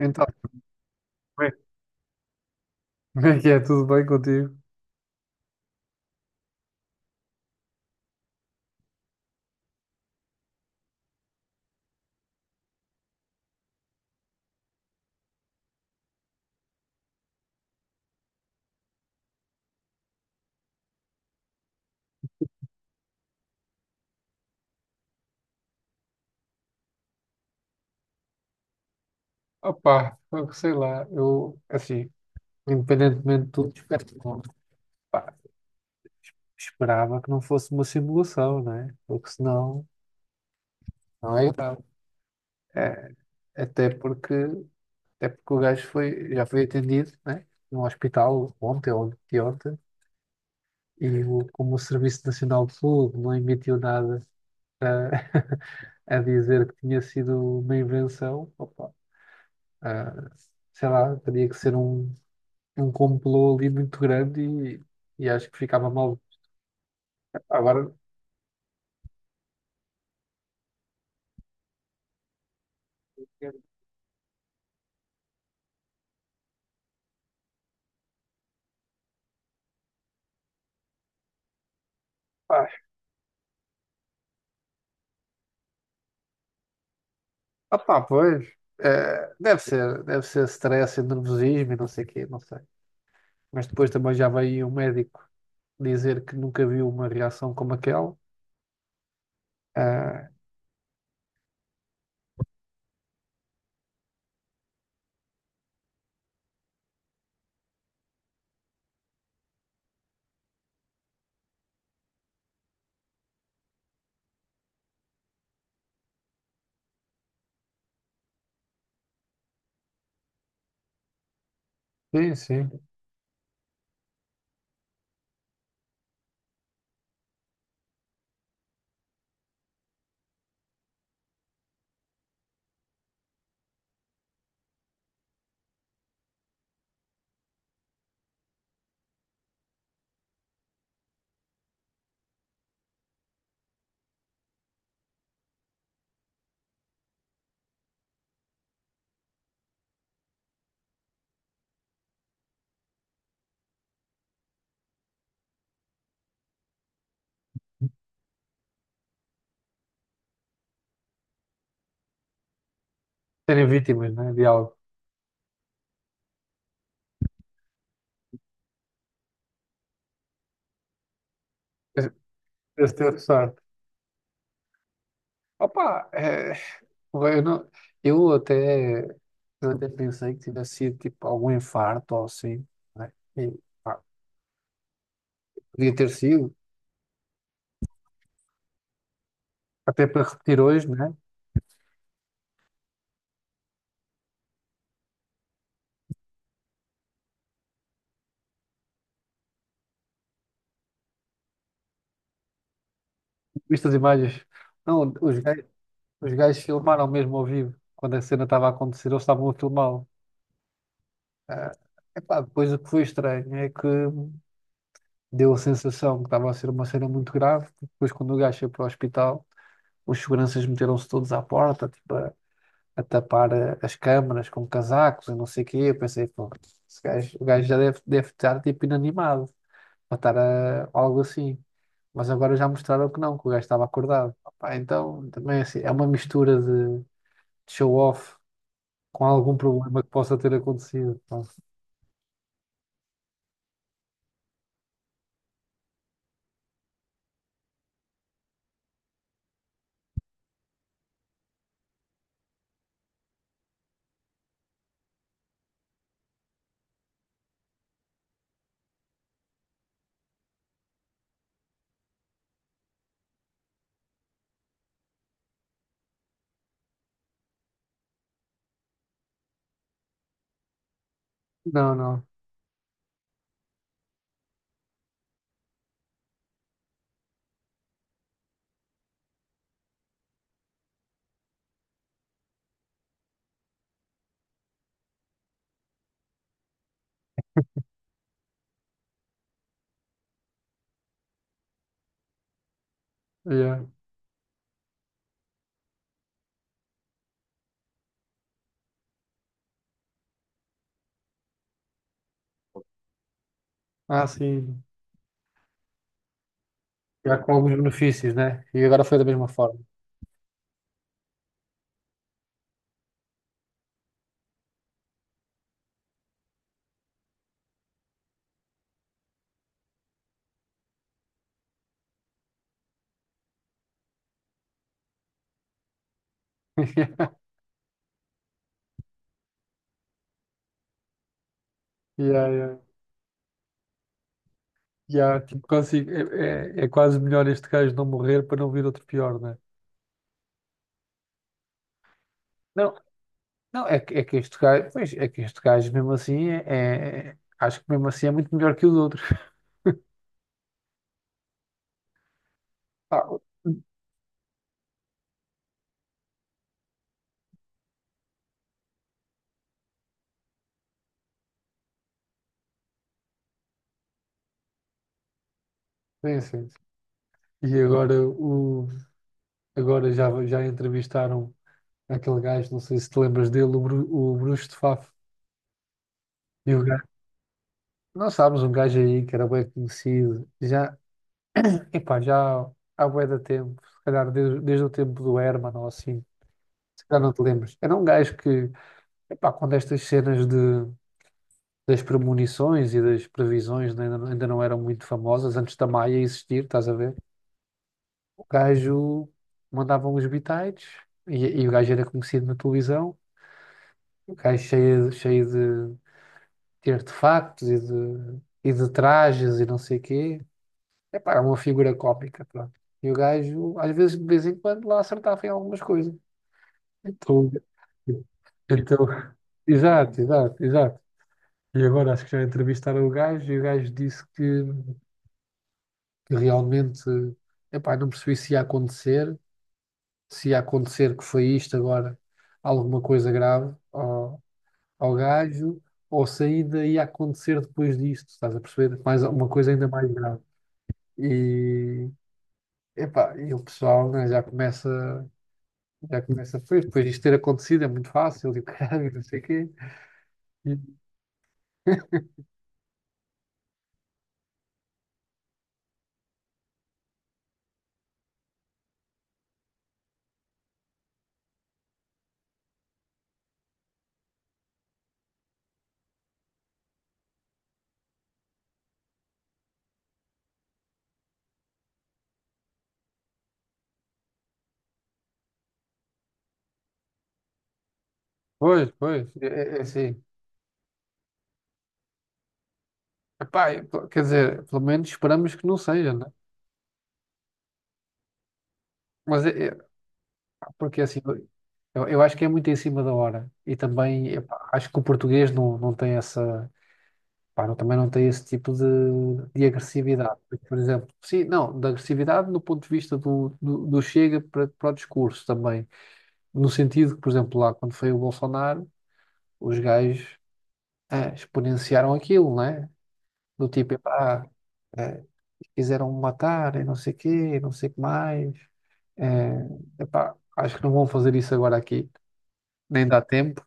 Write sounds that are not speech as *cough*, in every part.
Então, como é como é que é? Tudo bem contigo? Opa, sei lá, eu, assim, independentemente de tudo, espero que não- pá, esperava que não fosse uma simulação, né? Porque senão, não é grave. É, até porque, até porque o gajo foi, já foi atendido, né? No hospital ontem ou anteontem, como o Serviço Nacional de Saúde não emitiu nada a, *laughs* a dizer que tinha sido uma invenção, opa, ah, sei lá, teria que ser um. Um complô ali muito grande e acho que ficava mal. Agora, pá, pá, pois, deve ser stress e nervosismo e não sei o quê, não sei. Mas depois também já veio um médico dizer que nunca viu uma reação como aquela. Ah, sim, sim. Serem vítimas, né, de algo. Esse esse ter sorte. Opa, eu, não- eu até, eu até pensei que tivesse sido tipo algum infarto ou assim, né? E, pá, podia ter sido, até para repetir hoje, né? Viste as imagens? Não, os gajos filmaram mesmo ao vivo, quando a cena estava a acontecer, eles estavam a filmá-lo. Ah, epá, depois o que foi estranho é que deu a sensação que estava a ser uma cena muito grave. Depois, quando o gajo foi para o hospital, os seguranças meteram-se todos à porta, tipo, a tapar as câmaras com casacos e não sei o quê. Eu pensei, pô, o gajo já deve, deve estar tipo inanimado. Algo assim. Mas agora já mostraram que não, que o gajo estava acordado. Opá, então também é assim, é uma mistura de show-off com algum problema que possa ter acontecido. Pá. Não, não. Yeah. Ah, sim. Já com alguns benefícios, né? E agora foi da mesma forma. *laughs* Yeah, yeah. Yeah, tipo, consigo. É, quase melhor este gajo não morrer para não vir outro pior, né? Não, não, é que este gajo, pois, é que este gajo mesmo assim acho que mesmo assim é muito melhor que os outros. Ah, sim, sim. E agora, o, agora já, já entrevistaram aquele gajo, não sei se te lembras dele, o Bruxo de Faf. E o gajo, nós sabes, um gajo aí que era bem conhecido, já, epá, já há bué de tempo, se calhar desde, desde o tempo do Herman ou assim, se calhar não te lembras. Era um gajo que epá, quando estas cenas de, das premonições e das previsões ainda não eram muito famosas, antes da Maia existir, estás a ver? O gajo mandava uns bitites e o gajo era conhecido na televisão, o gajo cheio de artefactos e de trajes e não sei o quê. Epá, era uma figura cómica, pronto. E o gajo, às vezes, de vez em quando, lá acertava em algumas coisas. Então, então, *laughs* exato, exato, exato. E agora acho que já entrevistaram o gajo e o gajo disse que realmente, epá, não percebi se ia acontecer, se ia acontecer que foi isto agora, alguma coisa grave ao, ao gajo, ou se ainda ia acontecer depois disto, estás a perceber? Mais, uma coisa ainda mais grave. E, epá, e o pessoal, né, já começa, pois, depois disto ter acontecido é muito fácil, e o *laughs* caralho, não sei o quê. E, pois, pois, é, é é assim. Epá, e, pô, quer dizer, pelo menos esperamos que não seja, né? Mas é- é- porque assim, eu acho que é muito em cima da hora. E também epá, acho que o português não tem essa, pá, não- também não tem esse tipo de agressividade. Porque, por exemplo, sim, não, da agressividade no ponto de vista do chega para o discurso também. No sentido que, por exemplo, lá quando foi o Bolsonaro, os gajos exponenciaram aquilo, né? Do tipo, epá, eh, quiseram me matar e não sei o quê, e não sei o que mais. Eh, epá, acho que não vão fazer isso agora aqui. Nem dá tempo,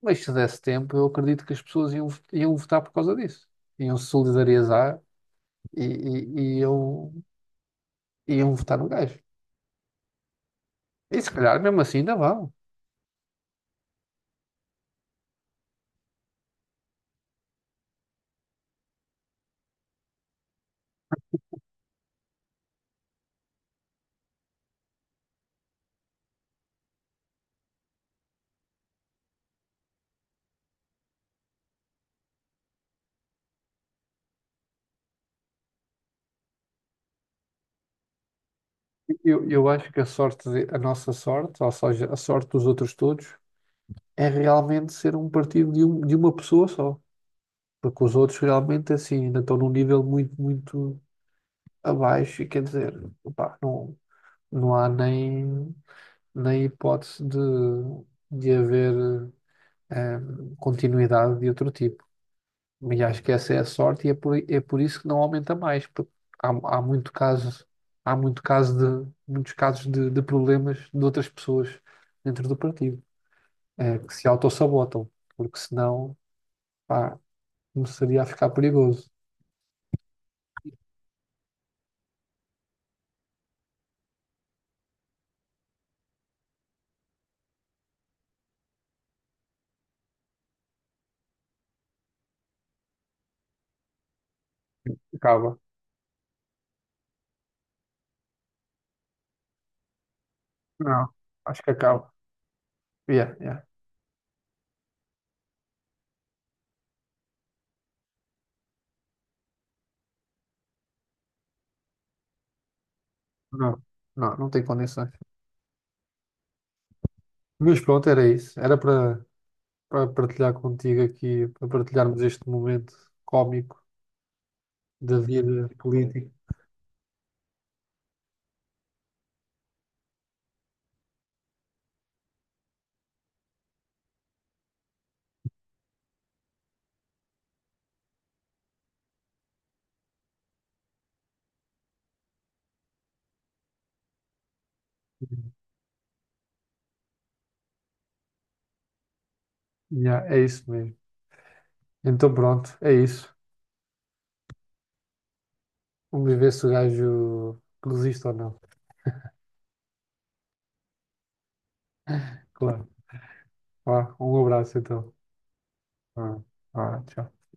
mas se desse tempo, eu acredito que as pessoas iam, iam votar por causa disso. Iam se solidarizar e, e, e iam, iam votar no gajo. E se calhar mesmo assim ainda vão. Eu acho que a nossa sorte, ou seja, a sorte dos outros todos, é realmente ser um partido de uma pessoa só. Porque os outros realmente assim ainda estão num nível muito, muito abaixo e quer dizer, opá, não, não há nem, nem hipótese de haver continuidade de outro tipo. E acho que essa é a sorte e é é por isso que não aumenta mais, porque Há, há muito caso há muito caso muitos casos de problemas de outras pessoas dentro do partido, que se autossabotam, porque senão, pá, começaria a ficar perigoso. Acaba. Não, acho que acaba. Yeah, yeah. Não, não, não tem condições. Mas pronto, era isso. Era para partilhar contigo aqui, para partilharmos este momento cómico da vida política. Yeah, é isso mesmo. Então pronto, é isso. Vamos ver se o gajo resiste ou não. Claro. Vá, um abraço então. Vá, vá, tchau.